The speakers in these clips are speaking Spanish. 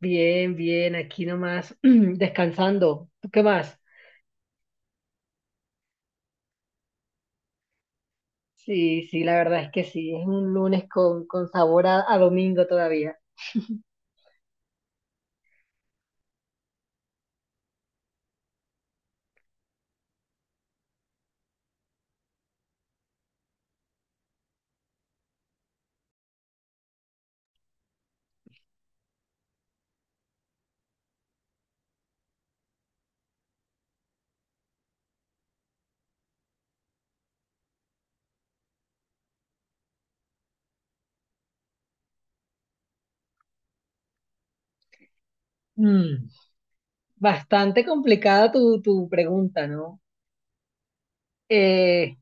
Bien, bien, aquí nomás descansando. ¿Tú qué más? Sí, sí, la verdad es que sí, es un lunes con sabor a domingo todavía. Mm, bastante complicada tu pregunta, ¿no? Eh,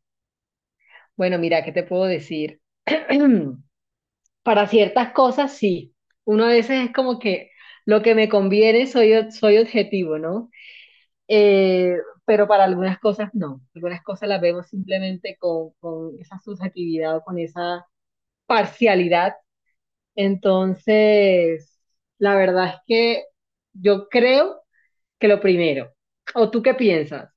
bueno, mira, ¿qué te puedo decir? Para ciertas cosas, sí. Uno a veces es como que lo que me conviene soy objetivo, ¿no? Eh, pero para algunas cosas no. Algunas cosas las vemos simplemente con esa subjetividad o con esa parcialidad. Entonces, la verdad es que yo creo que lo primero. ¿O tú qué piensas?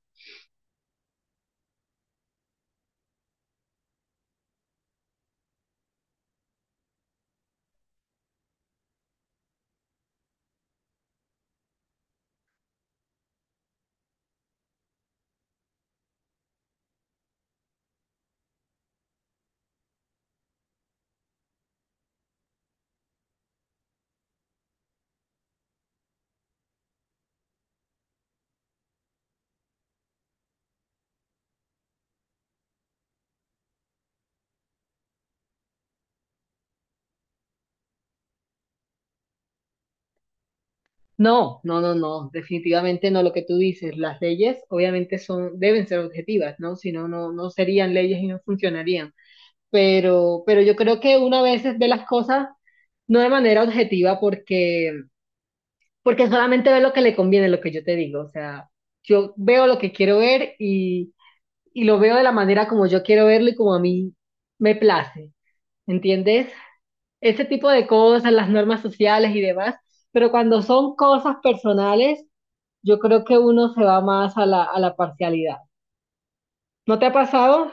No, no, no, no, definitivamente no lo que tú dices. Las leyes obviamente son, deben ser objetivas, ¿no? Si no, no, no serían leyes y no funcionarían. Pero yo creo que una vez ve las cosas no de manera objetiva porque solamente ve lo que le conviene, lo que yo te digo. O sea, yo veo lo que quiero ver y lo veo de la manera como yo quiero verlo y como a mí me place, ¿entiendes? Ese tipo de cosas, las normas sociales y demás, pero cuando son cosas personales, yo creo que uno se va más a a la parcialidad. ¿No te ha pasado?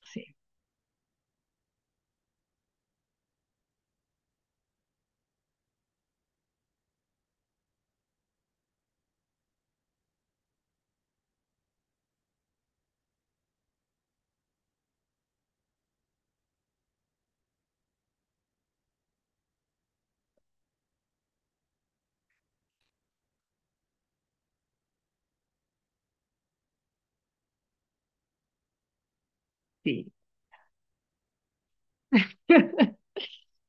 Sí, sí.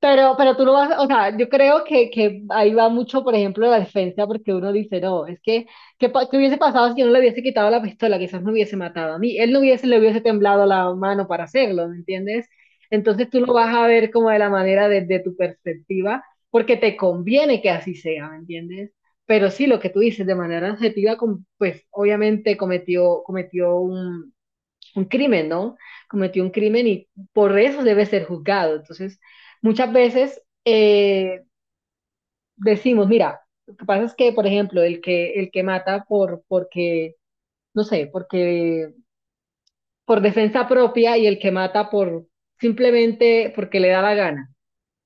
Pero tú lo vas, o sea, yo creo que ahí va mucho, por ejemplo, la defensa, porque uno dice, no, es que, ¿qué, qué hubiese pasado si yo no le hubiese quitado la pistola? Quizás me hubiese matado a mí, él no hubiese, le hubiese temblado la mano para hacerlo, ¿me entiendes? Entonces tú lo vas a ver como de la manera desde tu perspectiva, porque te conviene que así sea, ¿me entiendes? Pero sí, lo que tú dices, de manera objetiva, pues obviamente cometió un crimen, ¿no? Cometió un crimen y por eso debe ser juzgado. Entonces, muchas veces decimos, mira, lo que pasa es que, por ejemplo, el que mata porque, no sé, porque por defensa propia y el que mata por simplemente porque le da la gana.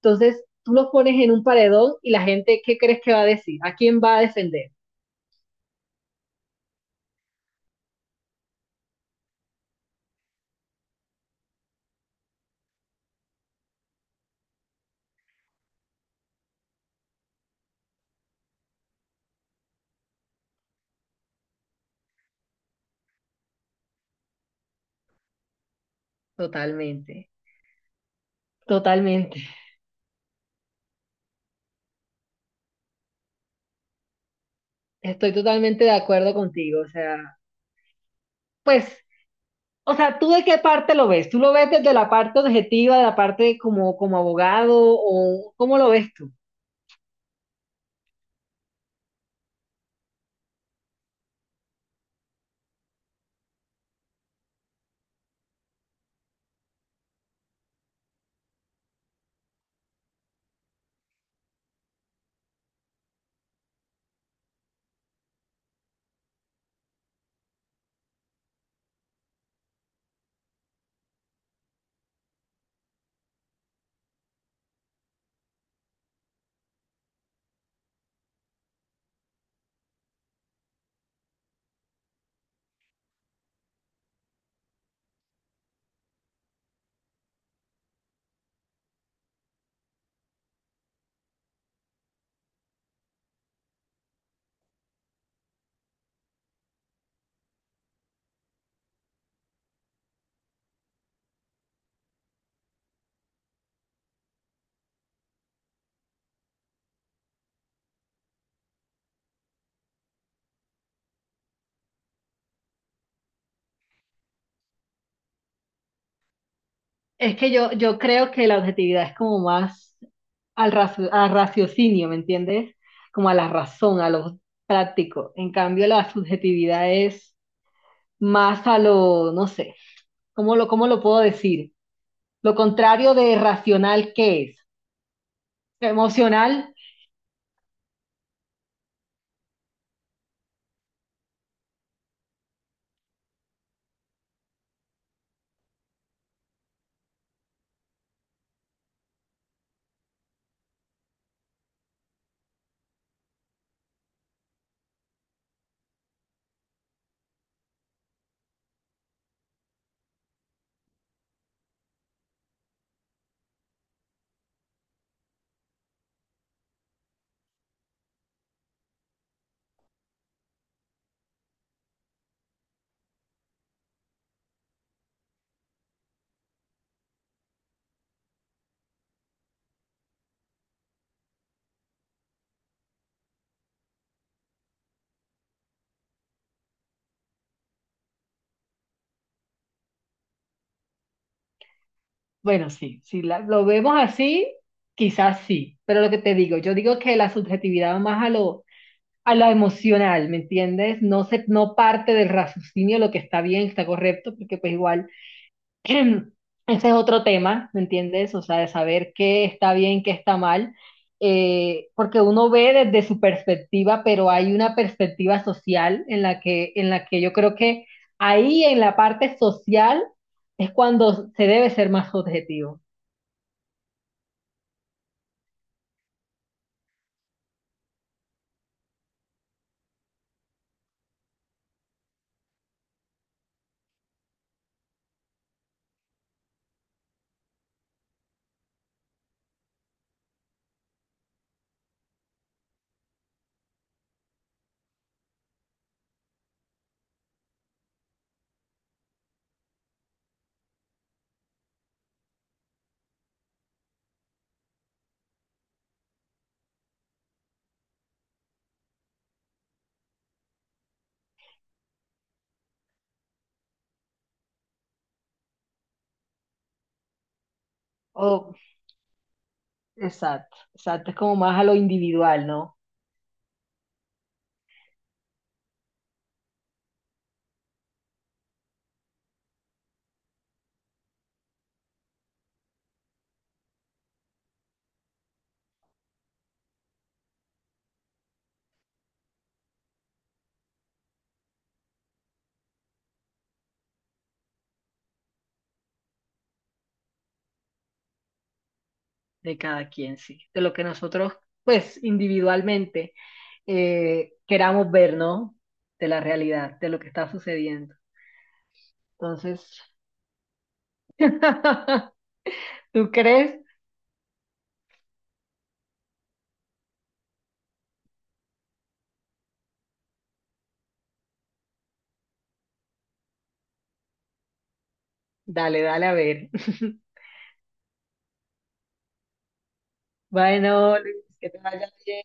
Entonces, tú los pones en un paredón y la gente, ¿qué crees que va a decir? ¿A quién va a defender? Totalmente, totalmente. Estoy totalmente de acuerdo contigo. O sea, pues, o sea, ¿tú de qué parte lo ves? ¿Tú lo ves desde la parte objetiva, de la parte como, como abogado o cómo lo ves tú? Es que yo creo que la objetividad es como más al, al raciocinio, ¿me entiendes? Como a la razón, a lo práctico. En cambio, la subjetividad es más a lo, no sé, cómo lo puedo decir? Lo contrario de racional, ¿qué es? Emocional. Bueno, sí, si lo vemos así, quizás sí, pero lo que te digo, yo digo que la subjetividad va más a lo emocional, ¿me entiendes? No se, no parte del raciocinio lo que está bien, está correcto, porque pues igual ese es otro tema, ¿me entiendes? O sea, de saber qué está bien, qué está mal, porque uno ve desde su perspectiva, pero hay una perspectiva social en la que yo creo que ahí en la parte social es cuando se debe ser más objetivo. Oh, exacto, exacto. Es como más a lo individual, ¿no? De cada quien, sí. De lo que nosotros, pues, individualmente queramos ver, ¿no? De la realidad, de lo que está sucediendo. Entonces, ¿tú crees? Dale, dale, a ver. Bueno, Luis, que te vaya bien.